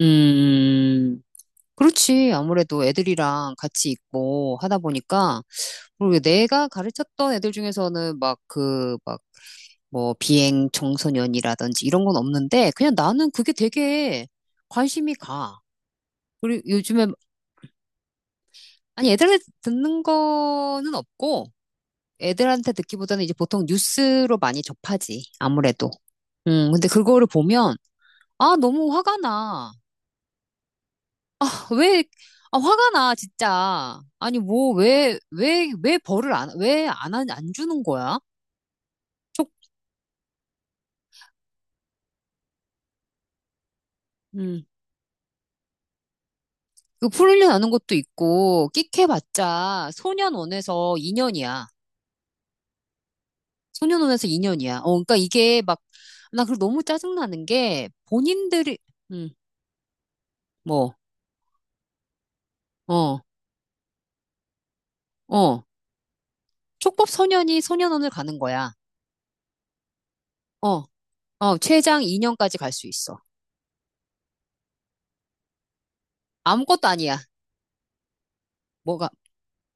음, 그렇지. 아무래도 애들이랑 같이 있고 하다 보니까, 그리고 내가 가르쳤던 애들 중에서는 막 비행 청소년이라든지 이런 건 없는데, 그냥 나는 그게 되게 관심이 가. 그리고 요즘에, 아니, 애들한테 듣는 거는 없고, 애들한테 듣기보다는 이제 보통 뉴스로 많이 접하지. 아무래도. 근데 그거를 보면, 아, 너무 화가 나. 그 왜, 아, 화가 나, 진짜. 아니, 뭐, 왜 벌을 안, 안 주는 거야? 촉, 음, 그 풀려나는 것도 있고, 끽해봤자, 소년원에서 2년이야. 소년원에서 2년이야. 어, 그러니까 이게 막, 나 그걸 너무 짜증나는 게, 본인들이, 음, 뭐, 어, 어, 촉법 소년이 소년원을 가는 거야. 어, 어, 최장 2년까지 갈 수 있어. 아무것도 아니야. 뭐가.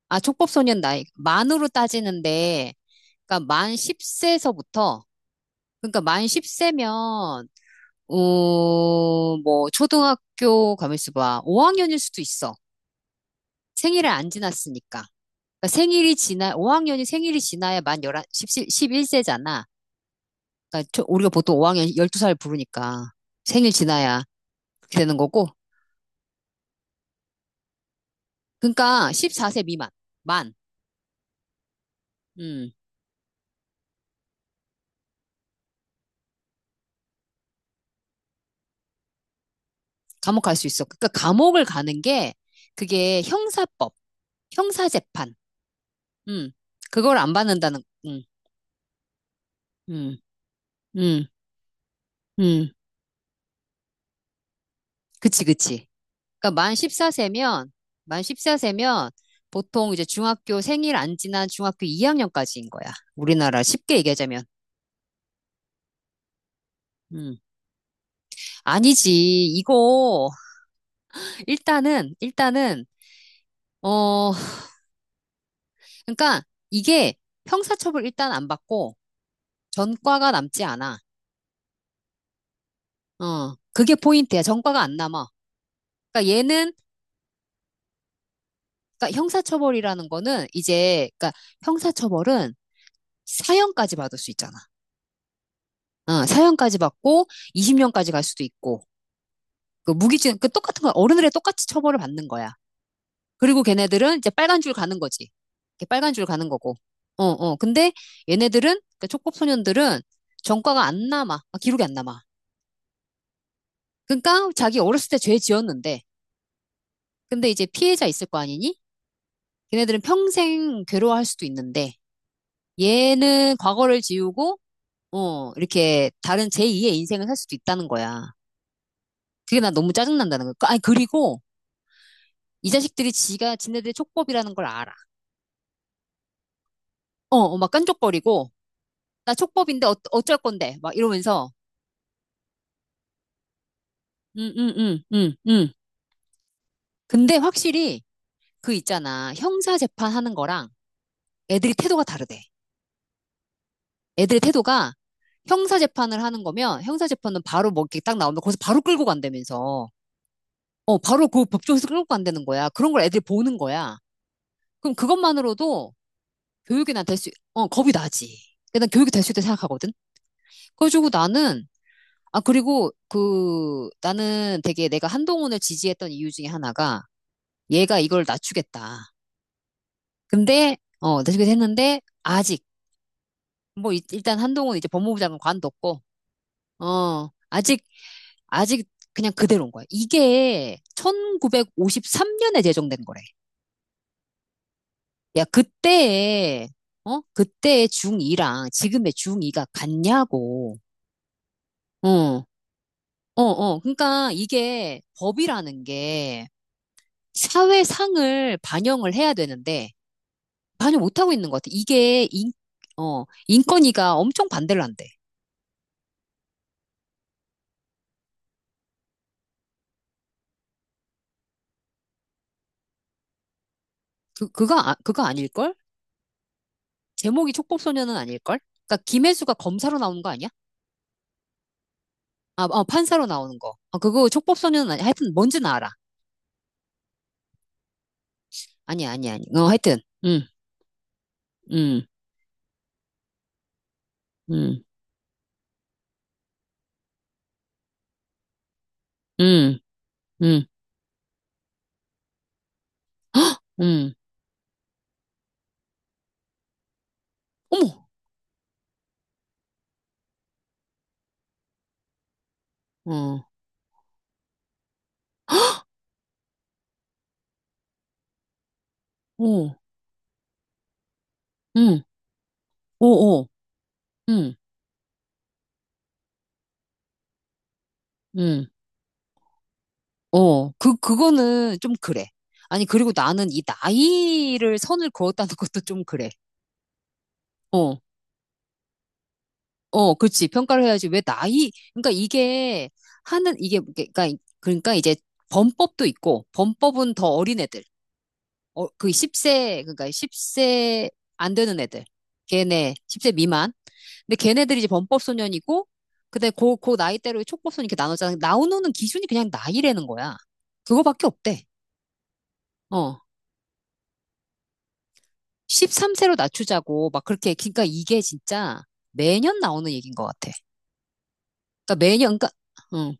아, 촉법소년 나이. 만으로 따지는데, 그러니까 만 10세서부터, 그러니까 만 10세면, 초등학교, 가만있어 봐. 5학년일 수도 있어. 생일을 안 지났으니까. 그러니까 생일이 지나, 5학년이 생일이 지나야 만 11, 십일 세잖아. 그러니까 우리가 보통 5학년 12살 부르니까 생일 지나야 그렇게 되는 거고. 그러니까 14세 미만. 만. 음. 감옥 갈 수 있어. 그러니까 감옥을 가는 게 그게 형사법, 형사재판. 음, 그걸 안 받는다는, 음, 음, 음. 그치, 그치. 그러니까 만 14세면, 만 십사 세면 보통 이제 중학교 생일 안 지난 중학교 2학년까지인 거야. 우리나라 쉽게 얘기하자면. 음. 아니지. 이거, 일단은, 어, 그러니까 이게 형사처벌 일단 안 받고 전과가 남지 않아. 어, 그게 포인트야. 전과가 안 남아. 그러니까 그러니까 형사처벌이라는 거는 이제, 그러니까 형사처벌은 사형까지 받을 수 있잖아. 어, 사형까지 받고 20년까지 갈 수도 있고, 그 똑같은 거, 어른들의 똑같이 처벌을 받는 거야. 그리고 걔네들은 이제 빨간 줄 가는 거지. 이렇게 빨간 줄 가는 거고. 어, 어. 근데 얘네들은, 그 촉법소년들은 전과가 안 남아. 아, 기록이 안 남아. 그러니까 자기 어렸을 때 죄 지었는데, 근데 이제 피해자 있을 거 아니니? 걔네들은 평생 괴로워할 수도 있는데, 얘는 과거를 지우고, 어, 이렇게 다른 제2의 인생을 살 수도 있다는 거야. 그게 난 너무 짜증난다는 거야. 아니, 그리고 이 자식들이 지가 지네들의 촉법이라는 걸 알아. 어, 어, 막 깐족거리고, 나 촉법인데 어, 어쩔 건데, 막 이러면서, 응, 응, 응, 응, 응. 근데 확실히 그 있잖아. 형사 재판하는 거랑 애들이 태도가 다르대. 애들의 태도가 형사 재판을 하는 거면 형사 재판은 바로 뭐 이렇게 딱 나오면 거기서 바로 끌고 간다면서. 어, 바로 그 법정에서 끌고 간다는 거야. 그런 걸 애들이 보는 거야. 그럼 그것만으로도 교육이 난 될 수, 어, 겁이 나지. 그러니까 난 교육이 될 수 있다 고 생각하거든. 그래가지고 나는, 나는 되게 내가 한동훈을 지지했던 이유 중에 하나가 얘가 이걸 낮추겠다. 근데, 어, 낮추겠다 했는데, 아직, 일단 한동훈 이제 법무부 장관 관뒀고, 어, 아직, 아직 그냥 그대로인 거야. 이게 1953년에 제정된 거래. 야, 그때에, 어? 그때의 중2랑 지금의 중2가 같냐고. 어, 어. 그러니까 이게 법이라는 게 사회상을 반영을 해야 되는데 반영 못하고 있는 것 같아. 어, 인권위가 엄청 반대를 한대. 아, 그거 아닐걸? 제목이 촉법소년은 아닐걸? 그러니까 김혜수가 검사로 나오는 거 아니야? 어, 판사로 나오는 거. 아, 그거 촉법소년은 아니 야 하여튼 뭔지는 알아. 아니야, 아니. 어, 하여튼. 응, 응, 응, 응, 응. 헉, 응. 어머, 어, 어, 응, 오, 오, 응, 응. 그, 그거는 좀 그래. 아니, 그리고 나는 이 나이를 선을 그었다는 것도 좀 그래. 어, 어, 그렇지. 평가를 해야지. 왜 나이, 그러니까 이게 하는, 이게, 그러니까, 그러니까 이제 범법도 있고, 범법은 더 어린 애들. 그 10세, 그러니까 10세 안 되는 애들. 걔네, 10세 미만. 근데 걔네들이 이제 범법소년이고, 근데 그 나이대로 촉법소년 이렇게 나누잖아. 나오는 기준이 그냥 나이라는 거야. 그거밖에 없대. 어. 13세로 낮추자고 막 그렇게. 그러니까 이게 진짜 매년 나오는 얘기인 것 같아. 그러니까 매년 그러니까 응,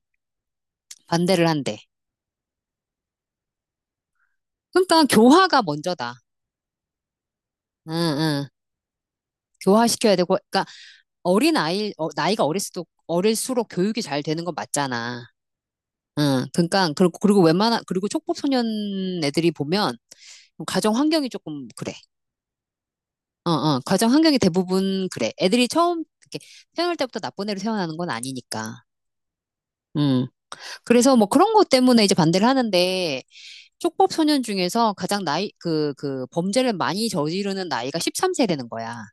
반대를 한대. 그러니까 교화가 먼저다. 응, 응. 교화시켜야 되고 그러니까 어린 아이, 어, 나이가 어릴수록 교육이 잘 되는 건 맞잖아. 응. 그러니까 그리고 웬만한 그리고 촉법소년 애들이 보면 가정 환경이 조금 그래. 어, 어. 가정 환경이 대부분 그래. 애들이 처음 이렇게 태어날 때부터 나쁜 애로 태어나는 건 아니니까. 음. 그래서 뭐 그런 것 때문에 이제 반대를 하는데 쪽법 소년 중에서 가장 나이, 그 그 범죄를 많이 저지르는 나이가 13세라는 거야.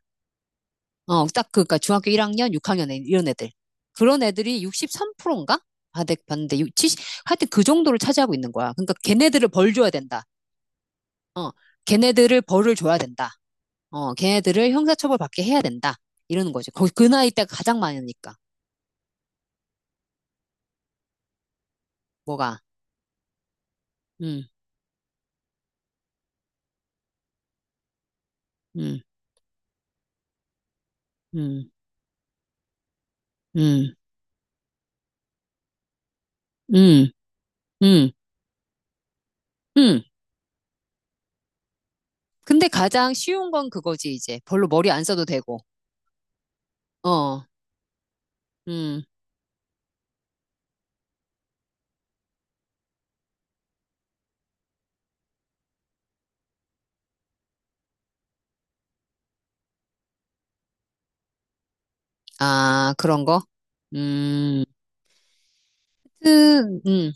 어, 그니까 중학교 1학년, 이런 애들. 그런 애들이 63%인가? 아, 내 봤는데 70, 하여튼 그 정도를 차지하고 있는 거야. 그러니까 걔네들을 벌 줘야 된다. 어. 걔네들을 벌을 줘야 된다. 어, 걔네들을 형사처벌 받게 해야 된다. 이러는 거지. 거기 그 나이 때가 가장 많으니까. 뭐가? 음. 음. 음. 음. 음. 음. 음. 근데 가장 쉬운 건 그거지, 이제. 별로 머리 안 써도 되고. 어, 음, 아, 그런 거? 음, 그, 음,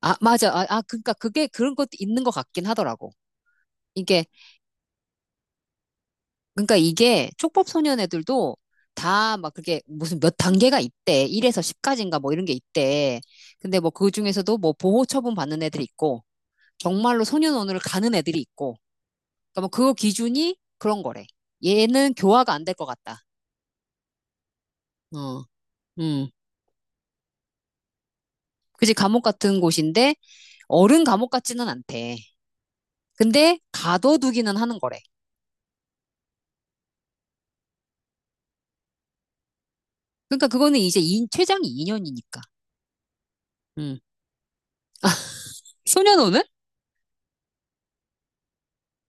아, 맞아. 아, 그러니까 그게 그런 것도 있는 것 같긴 하더라고. 이게, 그러니까 이게 촉법소년 애들도 다 막 그게 무슨 몇 단계가 있대. 1에서 10까지인가 뭐 이런 게 있대. 근데 뭐 그 중에서도 뭐 보호 처분 받는 애들이 있고, 정말로 소년원을 가는 애들이 있고, 그러니까 뭐 그거 기준이 그런 거래. 얘는 교화가 안 될 것 같다. 어, 음. 그지 감옥 같은 곳인데 어른 감옥 같지는 않대. 근데 가둬두기는 하는 거래. 그러니까 그거는 이제 이, 최장 2년이니까. 음. 소년원은?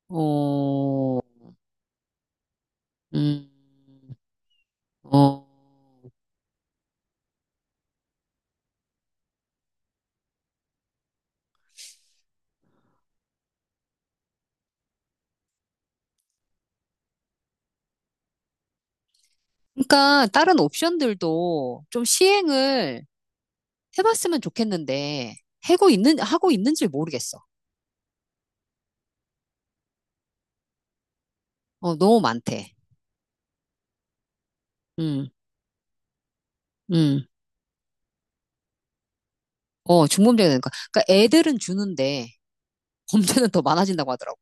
어, 음, 어. 그러니까 다른 옵션들도 좀 시행을 해봤으면 좋겠는데 하고 있는지 모르겠어. 어, 너무 많대. 음, 음. 어, 중범죄가 되니까. 그러니까 애들은 주는데 범죄는 더 많아진다고 하더라고.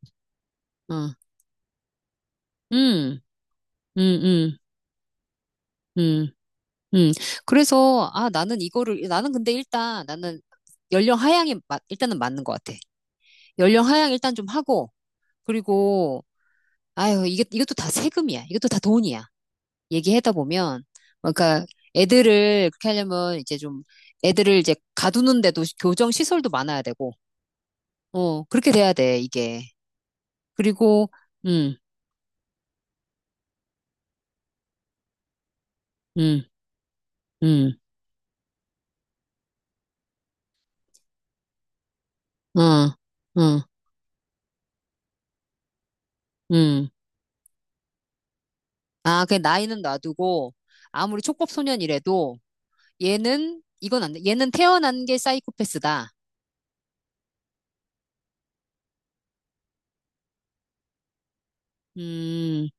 어. 음, 음, 음, 음. 음, 그래서, 나는 근데 일단, 나는 연령 하향이, 일단은 맞는 것 같아. 연령 하향 일단 좀 하고, 그리고, 아유, 이게, 이것도 다 세금이야. 이것도 다 돈이야. 얘기하다 보면, 그러니까 애들을 그렇게 하려면 이제 좀, 애들을 이제 가두는데도 교정 시설도 많아야 되고, 어, 그렇게 돼야 돼, 이게. 그리고, 음, 음, 음, 어, 어, 음. 아, 그 나이는 놔두고, 아무리 촉법소년이라도, 얘는 이건 안 돼. 얘는 태어난 게 사이코패스다. 음,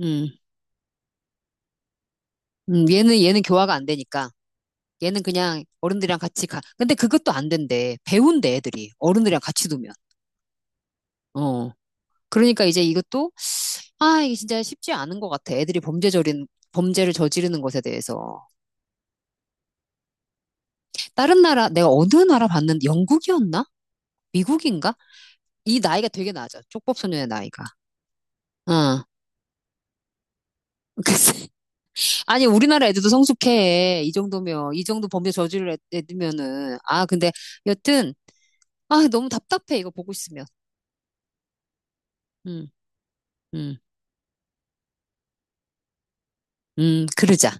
음, 얘는 교화가 안 되니까. 얘는 그냥 어른들이랑 같이 가. 근데 그것도 안 된대. 배운대 애들이 어른들이랑 같이 두면. 어. 그러니까 이제 이것도, 아, 이게 진짜 쉽지 않은 것 같아. 애들이 범죄저린 범죄를 저지르는 것에 대해서. 다른 나라 내가 어느 나라 봤는데 영국이었나? 미국인가? 이 나이가 되게 낮아. 쪽법소년의 나이가. 어. 그래서, 아니, 우리나라 애들도 성숙해. 이 정도면, 이 정도 범죄 했으면은. 아, 근데 여튼, 아, 너무 답답해. 이거 보고 있으면. 음, 음, 그러자.